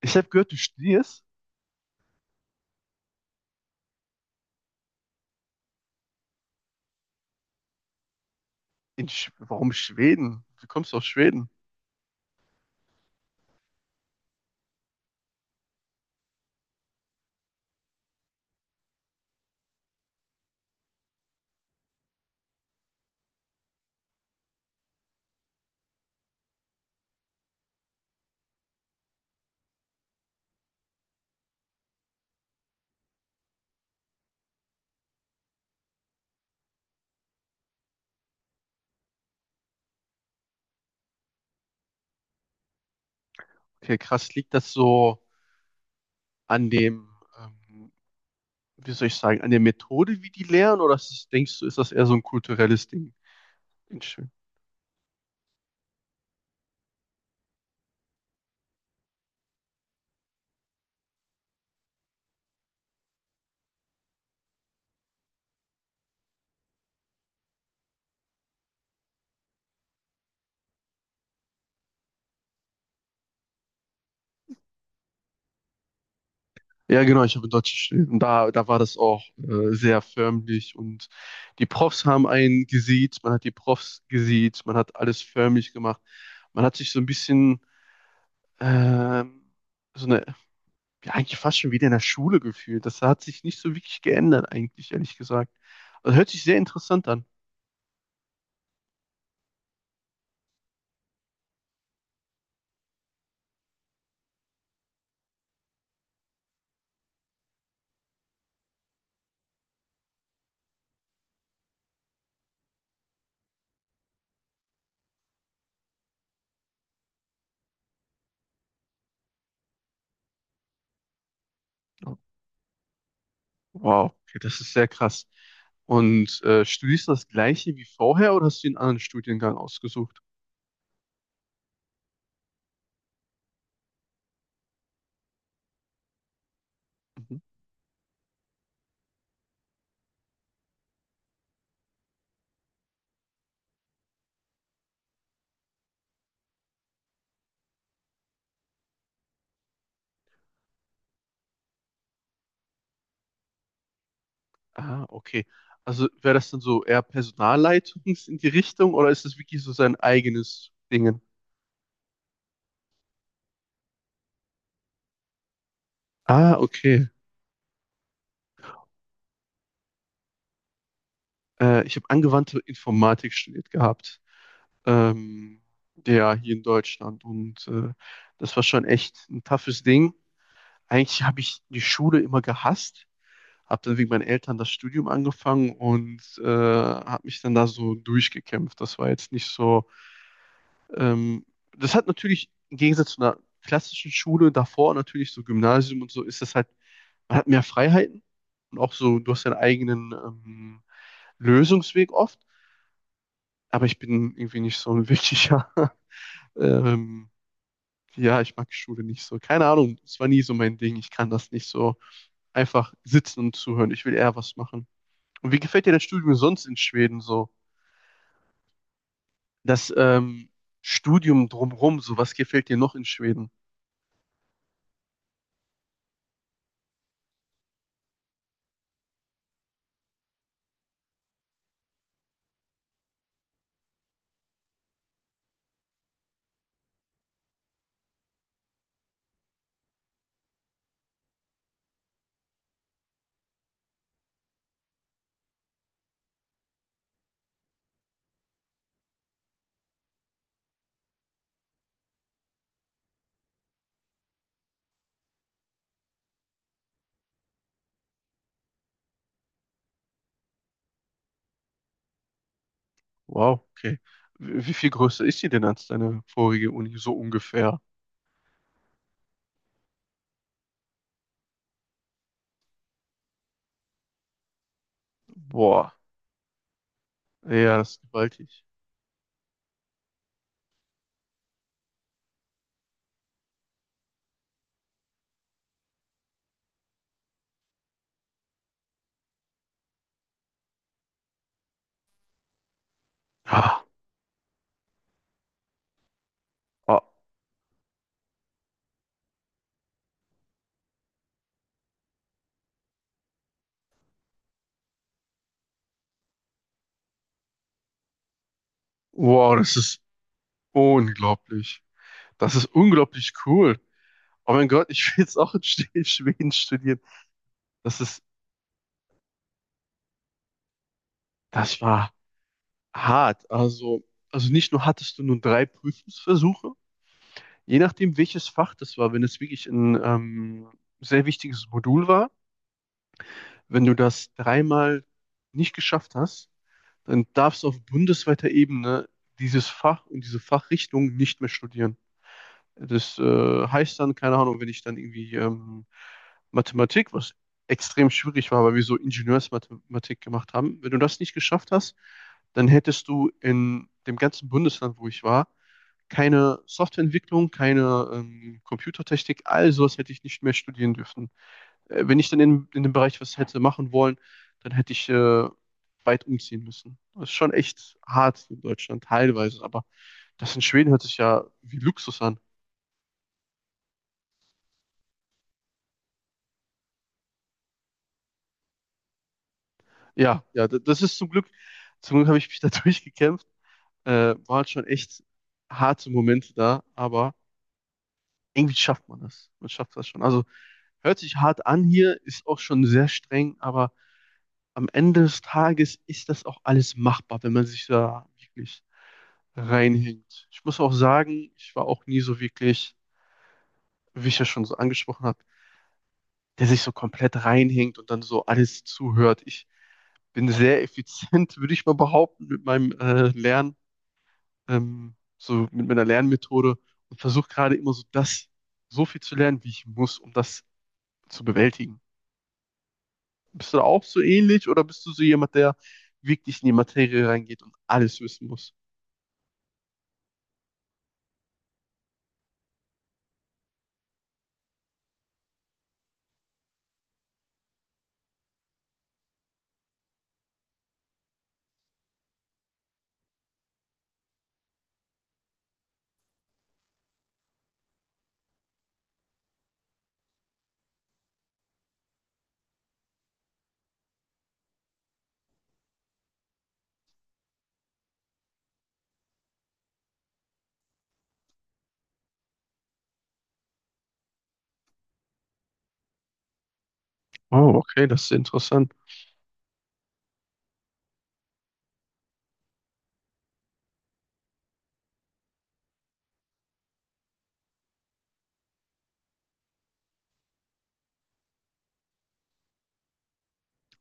Ich habe gehört, du studierst in Sch Warum Schweden? Du kommst aus Schweden. Okay, krass. Liegt das so an dem, ähm, wie soll ich sagen, an der Methode, wie die lehren? Oder ist das, denkst du, ist das eher so ein kulturelles Ding in Schweden? Ja, genau, ich habe in Deutsch studiert. Und da war das auch sehr förmlich. Und die Profs haben einen gesiezt, man hat die Profs gesiezt, man hat alles förmlich gemacht. Man hat sich so ein bisschen, ähm, so eine ja, eigentlich fast schon wieder in der Schule gefühlt. Das hat sich nicht so wirklich geändert, eigentlich, ehrlich gesagt. Also hört sich sehr interessant an. Wow, okay, das ist sehr krass. Und studierst du das gleiche wie vorher oder hast du einen anderen Studiengang ausgesucht? Mhm. Ah, okay. Also wäre das dann so eher Personalleitung in die Richtung oder ist das wirklich so sein eigenes Ding? Ah, okay. Ich habe angewandte Informatik studiert gehabt. Ähm, ja, hier in Deutschland. Und das war schon echt ein toughes Ding. Eigentlich habe ich die Schule immer gehasst, habe dann wegen meinen Eltern das Studium angefangen und habe mich dann da so durchgekämpft. Das war jetzt nicht so. Ähm, Das hat natürlich im Gegensatz zu einer klassischen Schule davor, natürlich so Gymnasium und so, ist das halt, man hat mehr Freiheiten und auch so, du hast deinen eigenen, Lösungsweg oft, aber ich bin irgendwie nicht so ein wirklicher. ähm, ja, ich mag Schule nicht so. Keine Ahnung, es war nie so mein Ding. Ich kann das nicht so einfach sitzen und zuhören. Ich will eher was machen. Und wie gefällt dir das Studium sonst in Schweden so? Das, Studium drumherum, so was gefällt dir noch in Schweden? Wow, okay. Wie viel größer ist die denn als deine vorige Uni? So ungefähr. Boah, ja, das ist gewaltig. Ah, ah, wow, das ist unglaublich. Das ist unglaublich cool. Oh mein Gott, ich will jetzt auch in Schweden studieren. Das ist, Das war hart. Also, nicht nur hattest du nur drei Prüfungsversuche, je nachdem, welches Fach das war, wenn es wirklich ein, sehr wichtiges Modul war, wenn du das dreimal nicht geschafft hast, dann darfst du auf bundesweiter Ebene dieses Fach und diese Fachrichtung nicht mehr studieren. Das heißt dann, keine Ahnung, wenn ich dann irgendwie, Mathematik, was extrem schwierig war, weil wir so Ingenieursmathematik gemacht haben, wenn du das nicht geschafft hast, dann hättest du in dem ganzen Bundesland, wo ich war, keine Softwareentwicklung, keine, Computertechnik, all sowas hätte ich nicht mehr studieren dürfen. Wenn ich dann in dem Bereich was hätte machen wollen, dann hätte ich weit umziehen müssen. Das ist schon echt hart in Deutschland, teilweise, aber das in Schweden hört sich ja wie Luxus an. Ja, ja, das ist zum Glück habe ich mich da durchgekämpft. Waren schon echt harte Momente da, aber irgendwie schafft man das. Man schafft das schon. Also hört sich hart an hier, ist auch schon sehr streng, aber am Ende des Tages ist das auch alles machbar, wenn man sich da wirklich reinhängt. Ich muss auch sagen, ich war auch nie so wirklich, wie ich ja schon so angesprochen habe, der sich so komplett reinhängt und dann so alles zuhört. Ich bin sehr effizient, würde ich mal behaupten, mit meinem Lernen, so mit meiner Lernmethode, und versuche gerade immer so das, so viel zu lernen, wie ich muss, um das zu bewältigen. Bist du da auch so ähnlich oder bist du so jemand, der wirklich in die Materie reingeht und alles wissen muss? Oh, okay, das ist interessant.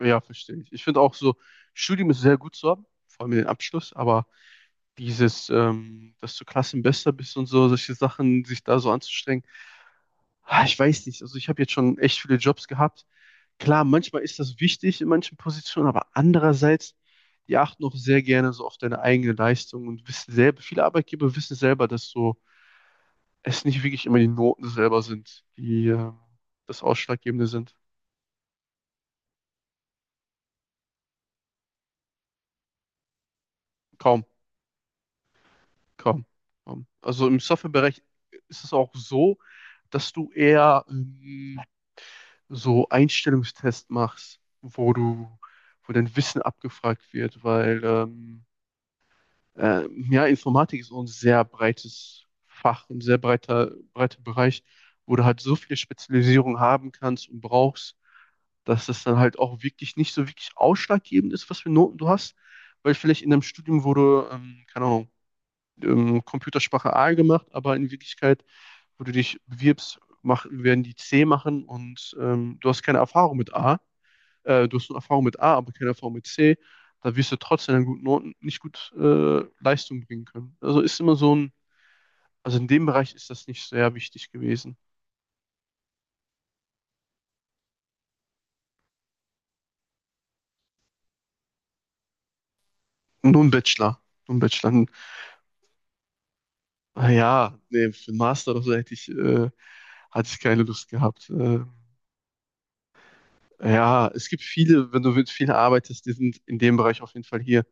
Ja, verstehe ich. Ich finde auch so, Studium ist sehr gut zu haben, vor allem den Abschluss, aber dieses, dass du Klassenbester bist und so, solche Sachen, sich da so anzustrengen, ah, ich weiß nicht. Also ich habe jetzt schon echt viele Jobs gehabt. Klar, manchmal ist das wichtig in manchen Positionen, aber andererseits, die achten auch sehr gerne so auf deine eigene Leistung und wissen selber, viele Arbeitgeber wissen selber, dass so es nicht wirklich immer die Noten selber sind, die das Ausschlaggebende sind. Kaum, kaum, kaum. Also im Softwarebereich ist es auch so, dass du eher, so Einstellungstests machst, wo dein Wissen abgefragt wird, weil ja, Informatik ist so ein sehr breites Fach, ein sehr breiter, breiter Bereich, wo du halt so viele Spezialisierung haben kannst und brauchst, dass das dann halt auch wirklich nicht so wirklich ausschlaggebend ist, was für Noten du hast. Weil vielleicht in einem Studium wurde, keine Ahnung, Computersprache A gemacht, aber in Wirklichkeit, wo du dich bewirbst, werden die C machen und du hast eine Erfahrung mit A, aber keine Erfahrung mit C, da wirst du trotzdem an guten Noten nicht gut Leistung bringen können. Also ist immer also in dem Bereich ist das nicht sehr wichtig gewesen. Nur ein Bachelor. Nur ein Bachelor. Ah, ja, nee, für einen Master oder so hatte ich keine Lust gehabt. Ja, es gibt viele, wenn du mit vielen arbeitest, die sind in dem Bereich auf jeden Fall hier.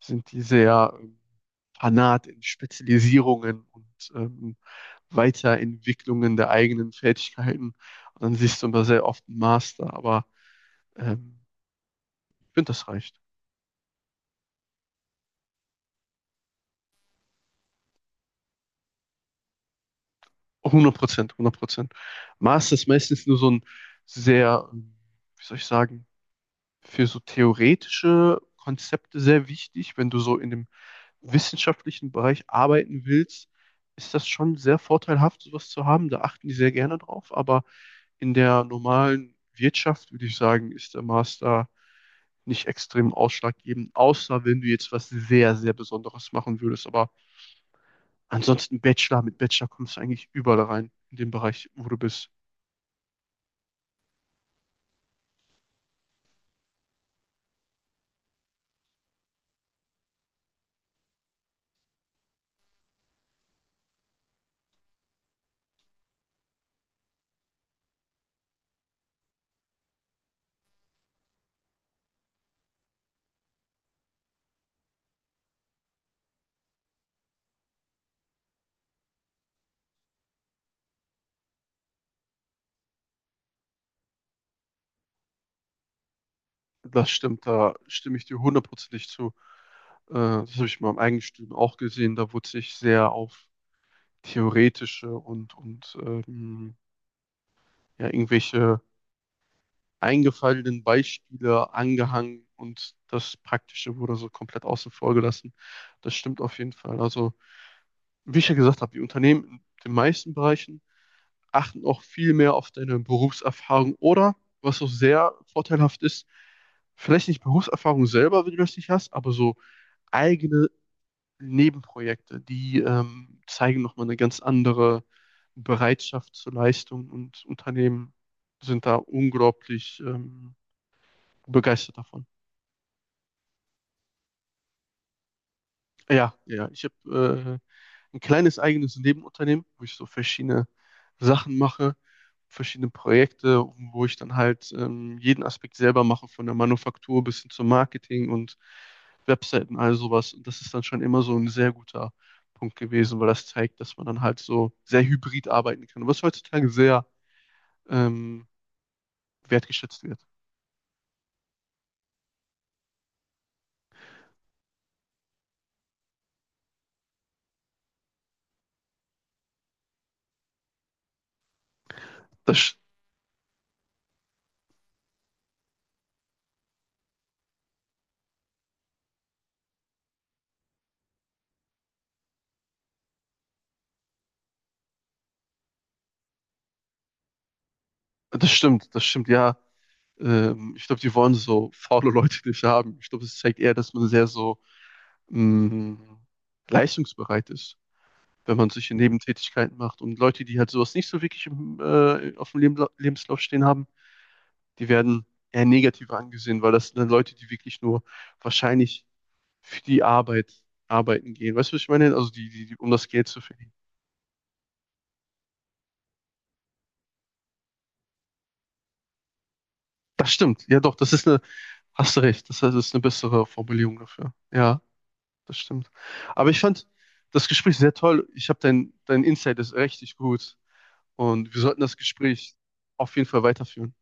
Sind die sehr, fanat in Spezialisierungen und, Weiterentwicklungen der eigenen Fähigkeiten. Und dann siehst du immer sehr oft einen Master, aber ähm, ich finde, das reicht. 100%, 100%. Master ist meistens nur so ein sehr, wie soll ich sagen, für so theoretische Konzepte sehr wichtig. Wenn du so in dem wissenschaftlichen Bereich arbeiten willst, ist das schon sehr vorteilhaft, sowas zu haben. Da achten die sehr gerne drauf. Aber in der normalen Wirtschaft würde ich sagen, ist der Master nicht extrem ausschlaggebend, außer wenn du jetzt was sehr, sehr Besonderes machen würdest. Aber ansonsten Bachelor, mit Bachelor kommst du eigentlich überall rein, in dem Bereich, wo du bist. Das stimmt, da stimme ich dir hundertprozentig zu. Das habe ich in meinem eigenen Studium auch gesehen. Da wurde sich sehr auf theoretische und ja, irgendwelche eingefallenen Beispiele angehangen und das Praktische wurde so komplett außen vor gelassen. Das stimmt auf jeden Fall. Also, wie ich ja gesagt habe, die Unternehmen in den meisten Bereichen achten auch viel mehr auf deine Berufserfahrung oder, was auch sehr vorteilhaft ist, vielleicht nicht Berufserfahrung selber, wenn du das nicht hast, aber so eigene Nebenprojekte, die, zeigen nochmal eine ganz andere Bereitschaft zur Leistung, und Unternehmen sind da unglaublich, begeistert davon. Ja, ja, ich habe ein kleines eigenes Nebenunternehmen, wo ich so verschiedene Sachen mache, verschiedene Projekte, wo ich dann halt, jeden Aspekt selber mache, von der Manufaktur bis hin zum Marketing und Webseiten, all sowas. Und das ist dann schon immer so ein sehr guter Punkt gewesen, weil das zeigt, dass man dann halt so sehr hybrid arbeiten kann, was heutzutage sehr, ähm, wertgeschätzt wird. Das, sch- Das stimmt, das stimmt, ja. Ich glaube, die wollen so faule Leute nicht haben. Ich glaube, es zeigt eher, dass man sehr so, mh, leistungsbereit ist, wenn man solche Nebentätigkeiten macht. Und Leute, die halt sowas nicht so wirklich auf dem Lebenslauf stehen haben, die werden eher negativer angesehen, weil das sind dann Leute, die wirklich nur wahrscheinlich für die Arbeit arbeiten gehen. Weißt du, was ich meine? Also die um das Geld zu verdienen. Das stimmt. Ja, doch, das ist eine, hast du recht, das ist eine bessere Formulierung dafür. Ja, das stimmt. Aber ich fand das Gespräch sehr toll. Dein Insight ist richtig gut. Und wir sollten das Gespräch auf jeden Fall weiterführen.